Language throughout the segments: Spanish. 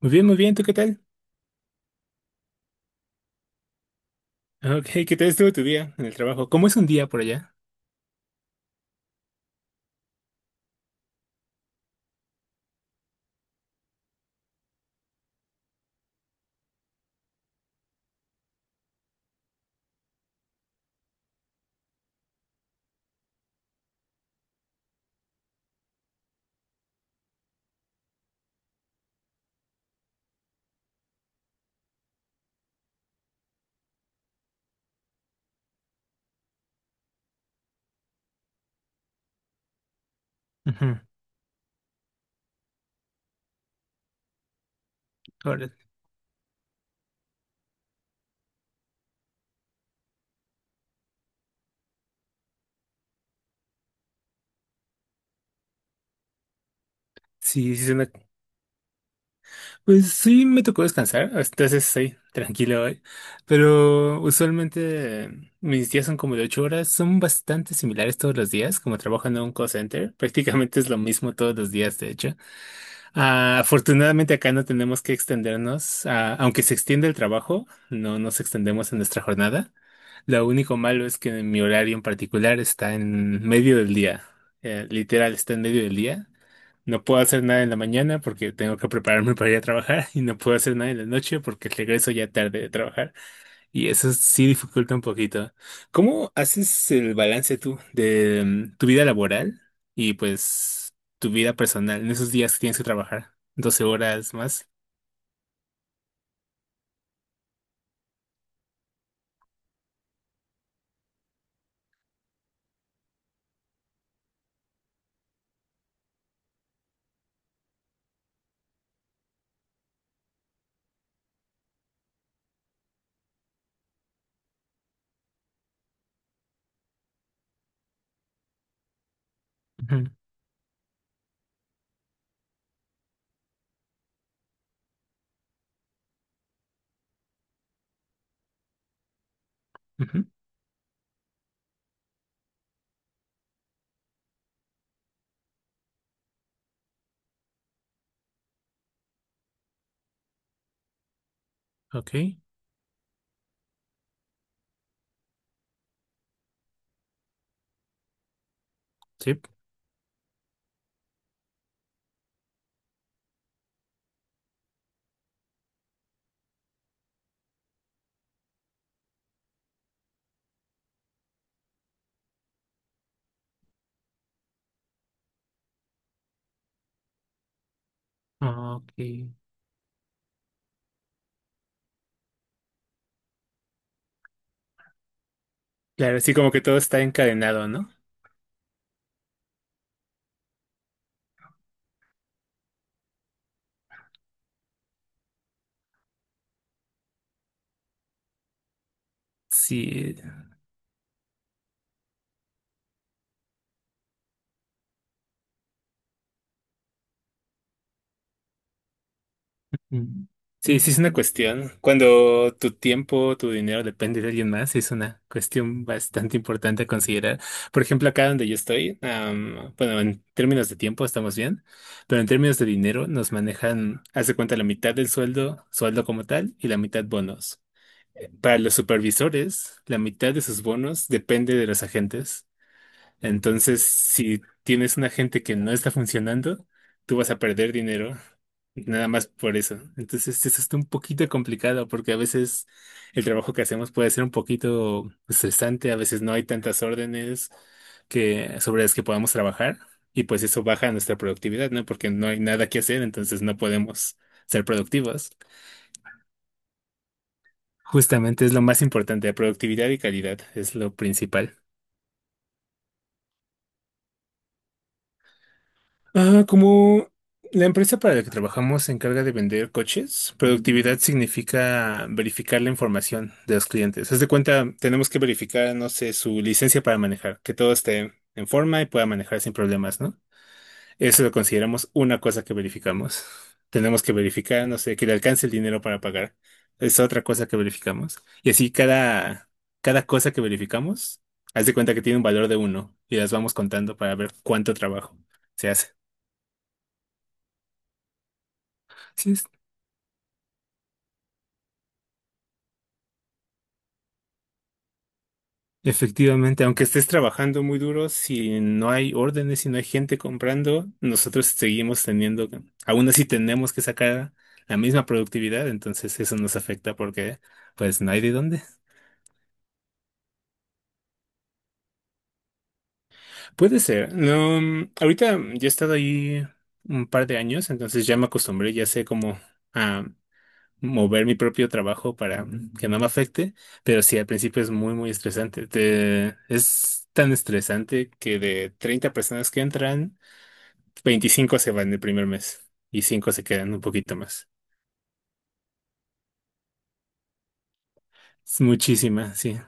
Muy bien, ¿tú qué tal? Ah, Ok, ¿qué tal estuvo tu día en el trabajo? ¿Cómo es un día por allá? Ujú, órale. Sí, sí. Pues sí, me tocó descansar, entonces estoy tranquilo hoy. Pero usualmente mis días son como de 8 horas, son bastante similares todos los días, como trabajo en un call center, prácticamente es lo mismo todos los días, de hecho. Ah, afortunadamente acá no tenemos que extendernos, aunque se extiende el trabajo, no nos extendemos en nuestra jornada. Lo único malo es que en mi horario en particular está en medio del día. Literal, está en medio del día. No puedo hacer nada en la mañana porque tengo que prepararme para ir a trabajar y no puedo hacer nada en la noche porque regreso ya tarde de trabajar, y eso sí dificulta un poquito. ¿Cómo haces el balance tú de tu vida laboral y pues tu vida personal en esos días que tienes que trabajar 12 horas más? Ujú, ujú. Ok, sí. Ok. Claro, sí, como que todo está encadenado, ¿no? Sí. mm, Sí, sí es una cuestión. Cuando tu tiempo, tu dinero depende de alguien más, es una cuestión bastante importante a considerar. Por ejemplo, acá donde yo estoy, bueno, en términos de tiempo estamos bien, pero en términos de dinero nos manejan, hace cuenta, la mitad del sueldo, sueldo como tal, y la mitad bonos. Para los supervisores, la mitad de sus bonos depende de los agentes. Entonces, si tienes una gente que no está funcionando, tú vas a perder dinero, nada más por eso. Entonces, eso está un poquito complicado porque a veces el trabajo que hacemos puede ser un poquito estresante, a veces no hay tantas órdenes que, sobre las que podamos trabajar, y pues eso baja nuestra productividad, ¿no? Porque no hay nada que hacer, entonces no podemos ser productivos. Justamente es lo más importante, la productividad y calidad es lo principal. Ah, como la empresa para la que trabajamos se encarga de vender coches, productividad significa verificar la información de los clientes. Haz de cuenta, tenemos que verificar, no sé, su licencia para manejar, que todo esté en forma y pueda manejar sin problemas, ¿no? Eso lo consideramos una cosa que verificamos. Tenemos que verificar, no sé, que le alcance el dinero para pagar. Es otra cosa que verificamos. Y así cada, cada cosa que verificamos, haz de cuenta que tiene un valor de uno y las vamos contando para ver cuánto trabajo se hace. Sí, efectivamente, aunque estés trabajando muy duro, si no hay órdenes, si no hay gente comprando, nosotros seguimos teniendo, aún así tenemos que sacar la misma productividad, entonces eso nos afecta porque pues no hay de dónde. Puede ser. No, ahorita yo he estado ahí un par de años, entonces ya me acostumbré, ya sé cómo a mover mi propio trabajo para que no me afecte, pero sí, al principio es muy, muy estresante. Es tan estresante que de 30 personas que entran, veinticinco se van el primer mes y 5 se quedan un poquito más. Es muchísima, sí.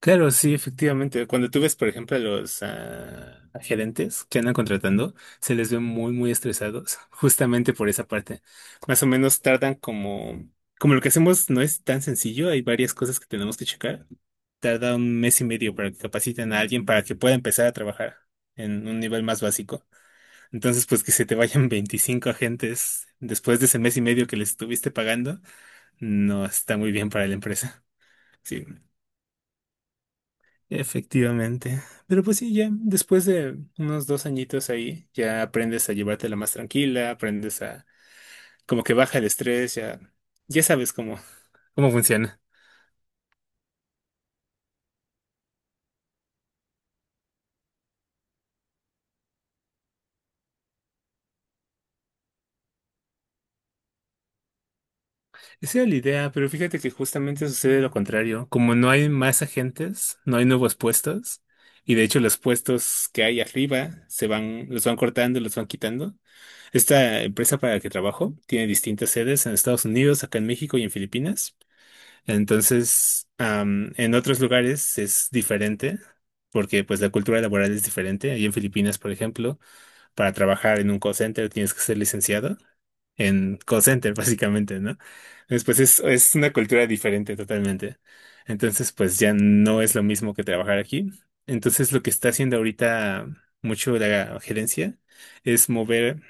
Claro, sí, efectivamente. Cuando tú ves, por ejemplo, a gerentes que andan contratando, se les ve muy, muy estresados, justamente por esa parte. Más o menos tardan como, como lo que hacemos no es tan sencillo, hay varias cosas que tenemos que checar. Tarda un mes y medio para que capaciten a alguien para que pueda empezar a trabajar en un nivel más básico. Entonces, pues que se te vayan 25 agentes después de ese mes y medio que les estuviste pagando, no está muy bien para la empresa. Sí, efectivamente. Pero pues sí, ya después de unos 2 añitos ahí, ya aprendes a llevártela más tranquila, aprendes a como que baja el estrés, ya, ya sabes cómo, cómo funciona. Esa era la idea, pero fíjate que justamente sucede lo contrario. Como no hay más agentes, no hay nuevos puestos, y de hecho los puestos que hay arriba se van, los van cortando, los van quitando. Esta empresa para la que trabajo tiene distintas sedes en Estados Unidos, acá en México y en Filipinas. Entonces, am, en otros lugares es diferente, porque pues la cultura laboral es diferente. Ahí en Filipinas, por ejemplo, para trabajar en un call center tienes que ser licenciado en call center, básicamente, ¿no? Entonces, pues es una cultura diferente totalmente. Entonces, pues ya no es lo mismo que trabajar aquí. Entonces, lo que está haciendo ahorita mucho la gerencia es mover,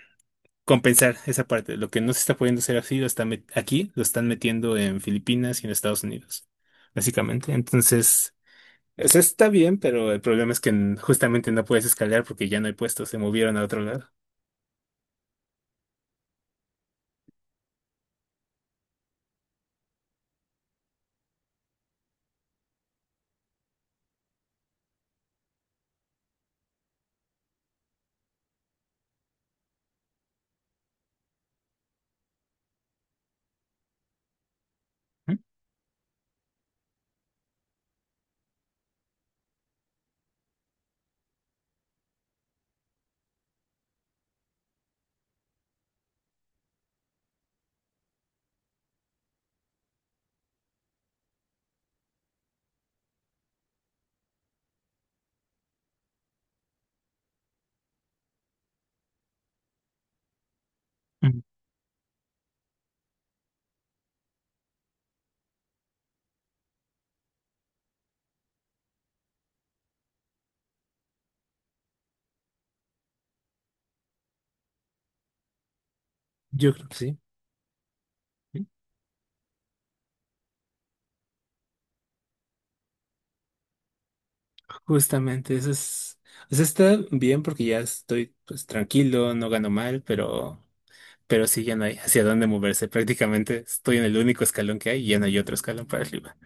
compensar esa parte. Lo que no se está pudiendo hacer así, lo están aquí, lo están metiendo en Filipinas y en Estados Unidos, básicamente. Entonces, o sea, está bien, pero el problema es que justamente no puedes escalar porque ya no hay puestos, se movieron a otro lado. Mm, Yo creo que sí, justamente eso es, o sea, está bien porque ya estoy pues tranquilo, no gano mal, pero sí ya no hay hacia dónde moverse. Prácticamente estoy en el único escalón que hay y ya no hay otro escalón para arriba.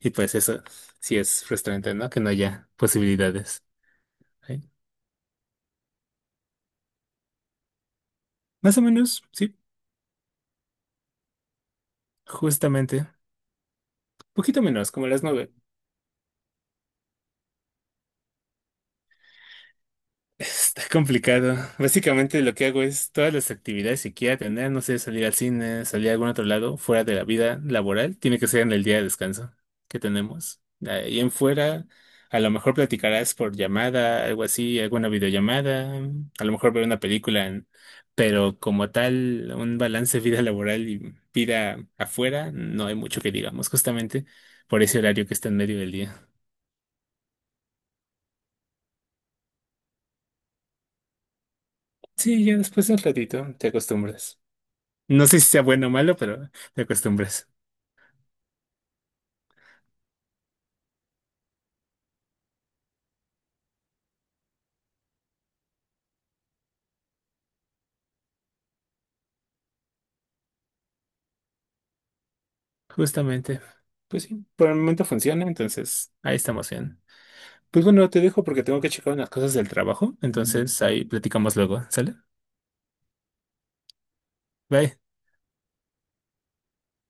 Y pues eso sí es frustrante, ¿no? Que no haya posibilidades. ¿Sí? Más o menos, sí, justamente. Poquito menos, como las 9. Está complicado. Básicamente lo que hago es todas las actividades que quiera tener, no sé, salir al cine, salir a algún otro lado, fuera de la vida laboral, tiene que ser en el día de descanso que tenemos. Y en fuera, a lo mejor platicarás por llamada, algo así, alguna videollamada, a lo mejor ver una película, en- pero como tal, un balance vida laboral y vida afuera, no hay mucho que digamos, justamente por ese horario que está en medio del día. Sí, ya después de un ratito te acostumbras. No sé si sea bueno o malo, pero te acostumbras. Justamente. Pues sí, por el momento funciona, entonces ahí estamos bien. Pues bueno, te dejo porque tengo que checar unas cosas del trabajo, entonces ahí platicamos luego, ¿sale? Bye.